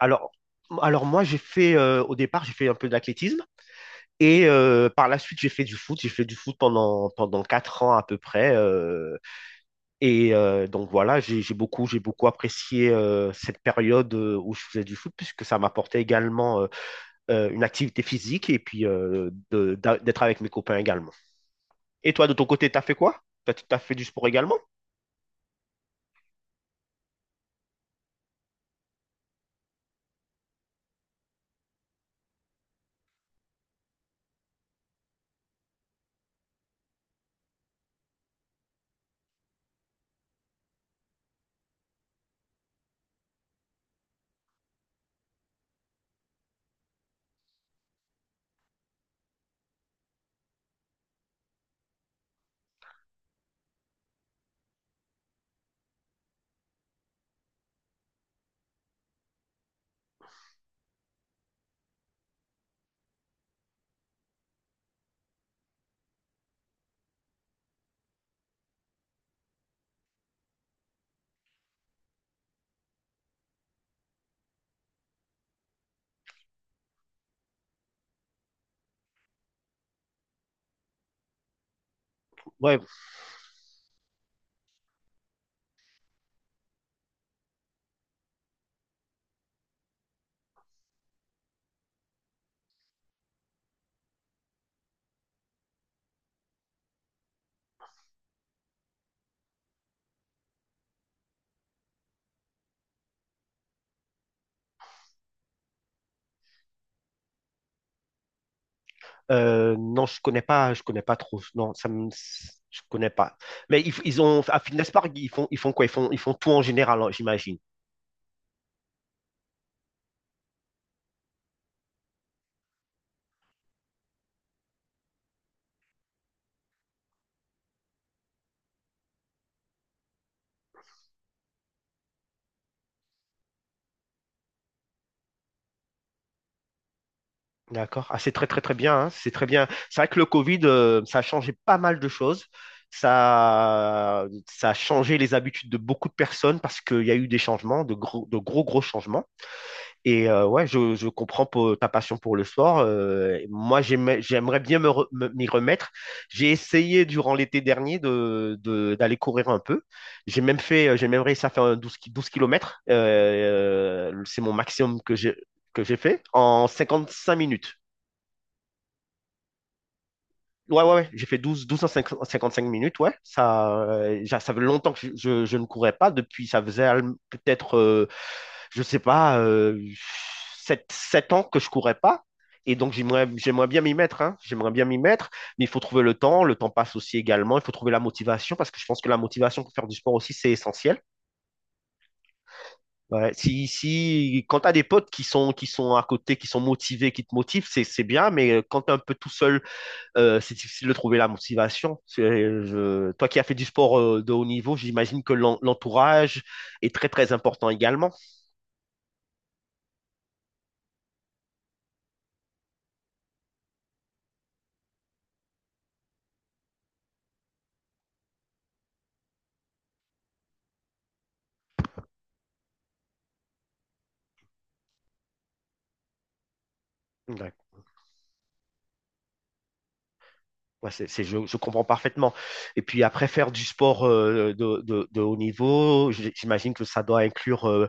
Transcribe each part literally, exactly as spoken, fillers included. Alors, alors moi, j'ai fait, euh, au départ, j'ai fait un peu d'athlétisme. Et euh, par la suite, j'ai fait du foot. J'ai fait du foot pendant, pendant quatre ans à peu près. Euh, et euh, donc voilà, j'ai j'ai beaucoup, j'ai beaucoup apprécié euh, cette période, euh, où je faisais du foot, puisque ça m'apportait également euh, euh, une activité physique et puis euh, de- d'a- d'être avec mes copains également. Et toi, de ton côté, t'as fait quoi? T'as, t'as fait du sport également? Ouais, euh, non, je connais pas, je connais pas trop. Non, ça me, je connais pas. Mais ils, ils ont à Fitness Park, ils font, ils font quoi? Ils font, ils font tout en général, hein, j'imagine. D'accord. Ah, c'est très, très, très bien, hein. C'est très bien. C'est vrai que le Covid, euh, ça a changé pas mal de choses. Ça, ça a changé les habitudes de beaucoup de personnes parce qu'il y a eu des changements, de gros, de gros, gros changements. Et euh, ouais, je, je comprends pour- ta passion pour le sport. Euh, moi, j'aimais- j'aimerais bien me re- me- m'y remettre. J'ai essayé durant l'été dernier de, de- d'aller courir un peu. J'ai même fait, euh, j'ai même réussi à faire un douze, ki- douze kilomètres. C'est mon maximum que j'ai, que j'ai fait en cinquante cinq minutes. Ouais, ouais, ouais. J'ai fait douze douze à cinquante-cinq minutes, ouais. Ça, euh, j'a- ça fait longtemps que je, je- je ne courais pas. Depuis, ça faisait al- peut-être, euh, je sais pas, euh, sept 7 ans que je courais pas. Et donc, j'aimerais, j'aimerais bien m'y mettre, hein. J'aimerais bien m'y mettre. Mais il faut trouver le temps. Le temps passe aussi également. Il faut trouver la motivation parce que je pense que la motivation pour faire du sport aussi, c'est essentiel. Ouais. Si, si, quand t'as des potes qui sont, qui sont à côté, qui sont motivés, qui te motivent, c'est, c'est bien. Mais euh, quand t'es un peu tout seul, euh, c'est difficile de trouver la motivation. C'est- je- Toi qui as fait du sport euh, de haut niveau, j'imagine que l'en- l'entourage est très très important également. D'accord. Ouais, c'est, c'est- je, je comprends parfaitement. Et puis après, faire du sport euh, de, de- de haut niveau, j- j'imagine que ça doit inclure euh,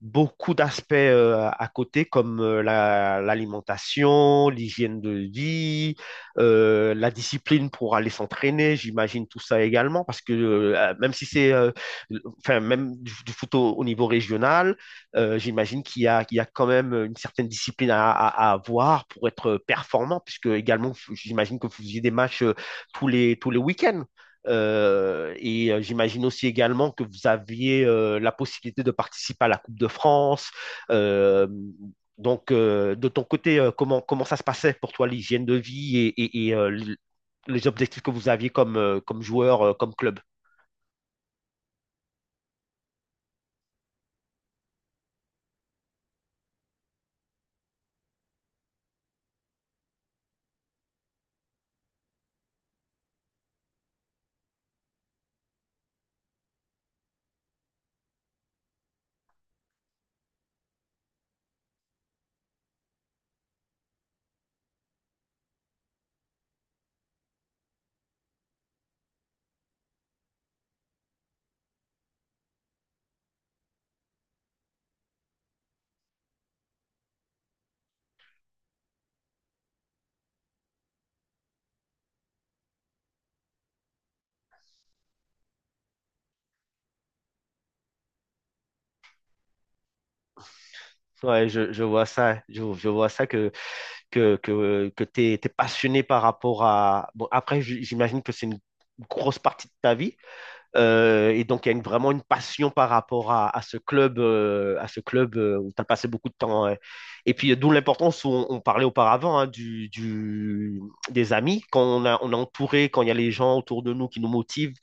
beaucoup d'aspects euh, à côté comme euh, la- l'alimentation, l'hygiène de vie, euh, la discipline pour aller s'entraîner, j'imagine tout ça également parce que euh, même si c'est euh, enfin même du, du foot au, au niveau régional, euh, j'imagine qu'il y a qu'il y a quand même une certaine discipline à, à- à avoir pour être performant, puisque également j'imagine que vous faisiez des matchs euh, tous les tous les week-ends. Euh, et euh, j'imagine aussi également que vous aviez euh, la possibilité de participer à la Coupe de France. Euh, donc, euh, de ton côté, euh, comment, comment ça se passait pour toi, l'hygiène de vie et, et- et, euh, l- les objectifs que vous aviez comme, euh, comme joueur, euh, comme club? Ouais, je, je vois ça, je, je vois ça que, que, que, que tu es passionné par rapport à... Bon, après, j- j'imagine que c'est une grosse partie de ta vie. Euh, et donc, il y a une- vraiment une passion par rapport à, à ce club, euh, à ce club euh, où tu as passé beaucoup de temps. euh. Et puis, euh, d'où l'importance, où on, on parlait auparavant, hein, du, du- des amis. Quand on a, on a entouré, quand il y a les gens autour de nous qui nous motivent,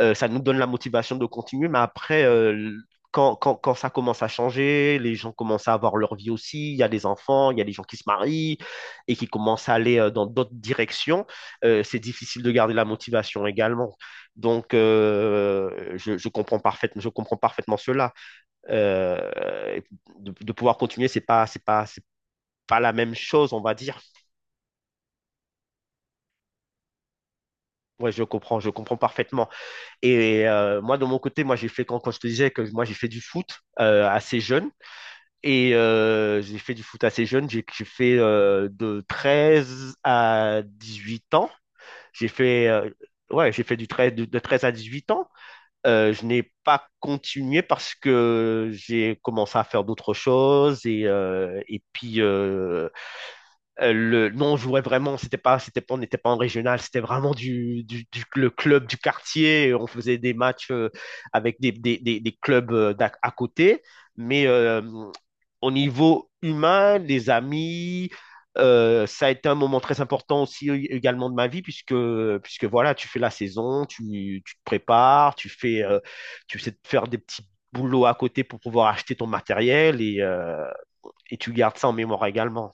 euh, ça nous donne la motivation de continuer, mais après, euh, quand, quand, quand ça commence à changer, les gens commencent à avoir leur vie aussi, il y a des enfants, il y a des gens qui se marient et qui commencent à aller euh, dans d'autres directions, euh, c'est difficile de garder la motivation également. Donc, euh, je, je comprends parfaitement, je comprends parfaitement cela. Euh, de, de pouvoir continuer, c'est pas, c'est pas, c'est pas la même chose, on va dire. Ouais, je comprends, je comprends parfaitement. Et euh, moi, de mon côté, moi, j'ai fait, quand, quand je te disais que moi, j'ai fait du foot euh, assez jeune. Et euh, j'ai fait du foot assez jeune. J'ai j'ai fait, euh, de treize à dix-huit ans. J'ai fait, euh, ouais, j'ai fait du treize de, de treize à huit ans. Euh, je n'ai pas continué parce que j'ai commencé à faire d'autres choses. Et, euh, et puis, euh, euh, le, non, on jouait vraiment, c'était pas, c'était pas, on n'était pas en régional, c'était vraiment du, du, du- le club du quartier. On faisait des matchs euh, avec des, des, des, des clubs euh, d'à- à côté. Mais euh, au niveau humain, les amis, euh, ça a été un moment très important aussi euh, également de ma vie, puisque, puisque voilà, tu fais la saison, tu, tu te prépares, tu fais, euh, tu essaies de faire des petits boulots à côté pour pouvoir acheter ton matériel, et, euh, et tu gardes ça en mémoire également.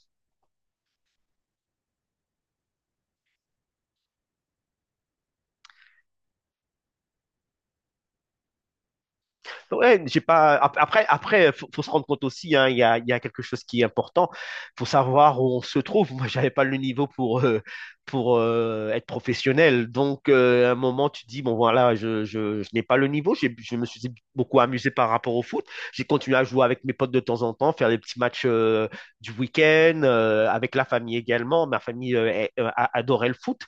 Ouais, j'ai pas. ap- Après, après, faut, faut se rendre compte aussi, hein, il y a, il y a quelque chose qui est important. Faut savoir où on se trouve. Moi, j'avais pas le niveau pour euh, pour euh, être professionnel. Donc, euh, à un moment, tu dis, bon voilà, je, je, je n'ai pas le niveau. J'ai- Je me suis beaucoup amusé par rapport au foot. J'ai continué à jouer avec mes potes de temps en temps, faire des petits matchs euh, du week-end euh, avec la famille également. Ma famille euh, est- euh, a- adorait le foot.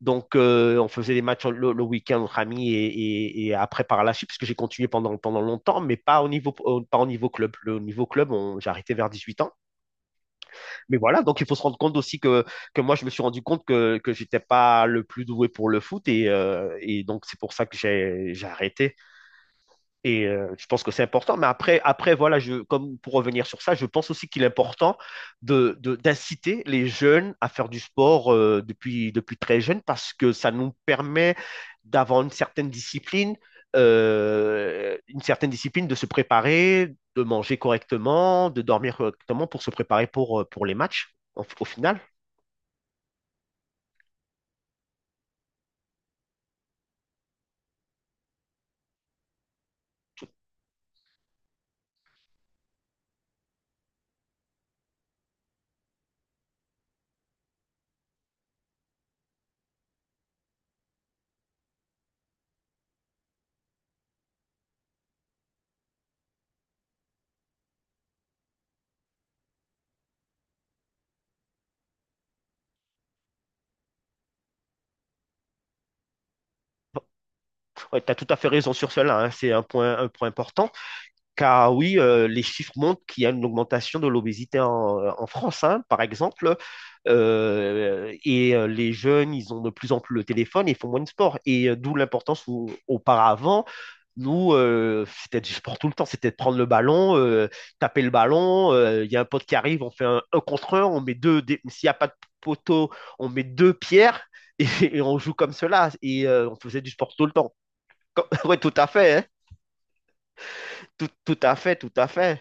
Donc, euh, on faisait des matchs le, le week-end entre amis, et, et- et après par la suite, parce que j'ai continué pendant, pendant longtemps, mais pas au niveau, au- pas au niveau club. Le niveau club, on- j'ai arrêté vers dix-huit ans. Mais voilà, donc il faut se rendre compte aussi que, que moi, je me suis rendu compte que, que j'étais pas le plus doué pour le foot, et, euh, et donc c'est pour ça que j'ai, j'ai arrêté. Et euh, je pense que c'est important. Mais après, après voilà, je, comme pour revenir sur ça, je pense aussi qu'il est important de, de- d'inciter les jeunes à faire du sport euh, depuis, depuis très jeune parce que ça nous permet d'avoir une certaine discipline, euh, une certaine discipline de se préparer, de manger correctement, de dormir correctement, pour se préparer pour, euh, pour les matchs en- au final. Ouais, tu as tout à fait raison sur cela, hein. C'est un point, un point important. Car oui, euh, les chiffres montrent qu'il y a une augmentation de l'obésité en, euh, en France, hein, par exemple. Euh, et euh, les jeunes, ils ont de plus en plus le téléphone et font moins de sport. Et euh, d'où l'importance où, auparavant, nous, euh, c'était du sport tout le temps, c'était de prendre le ballon, euh, taper le ballon. euh, Il y a un pote qui arrive, on fait un, un contre un, on met deux, dé- s'il n'y a pas de poteau, on met deux pierres et, et on joue comme cela. Et euh, on faisait du sport tout le temps. Oui, tout à fait, hein. Tout, tout à fait, tout à fait.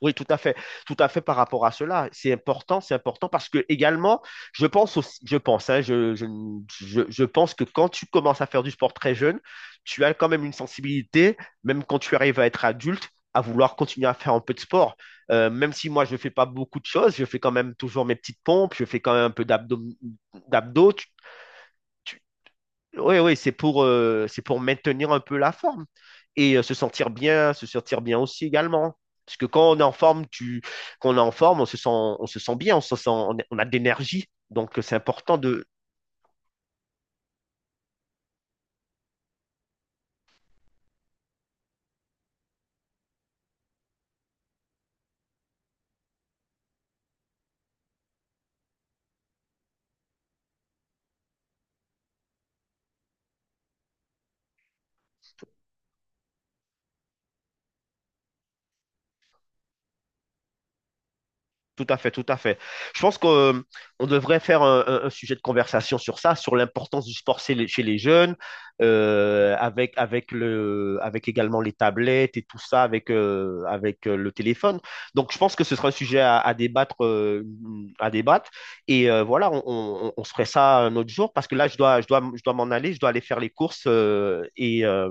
Oui, tout à fait, tout à fait par rapport à cela. C'est important, c'est important parce que également, je pense aussi, je pense, hein, je, je, je, je pense que quand tu commences à faire du sport très jeune, tu as quand même une sensibilité, même quand tu arrives à être adulte, à vouloir continuer à faire un peu de sport. Euh, même si moi, je ne fais pas beaucoup de choses, je fais quand même toujours mes petites pompes, je fais quand même un peu d'abdos, d'abdos. Oui, oui, c'est pour, euh, c'est pour maintenir un peu la forme et euh, se sentir bien, se sentir bien aussi également. Parce que quand on est en forme, tu, quand on est en forme, on se sent, on se sent bien, on se sent, on a de l'énergie. Donc, euh, c'est important de, tout à fait, tout à fait. Je pense qu'on devrait faire un, un- un sujet de conversation sur ça, sur l'importance du sport chez les, chez les jeunes, euh, avec, avec le, avec également les tablettes et tout ça, avec, euh, avec euh, le téléphone. Donc, je pense que ce sera un sujet à, à débattre, euh, à débattre. Et euh, voilà, on, on, on se ferait ça un autre jour parce que là, je dois, je dois, je dois m'en aller, je dois aller faire les courses. euh, et euh,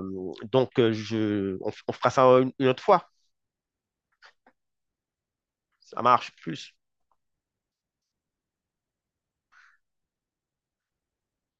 donc, euh, je, on, f- On fera ça une, une autre fois. Ça marche plus.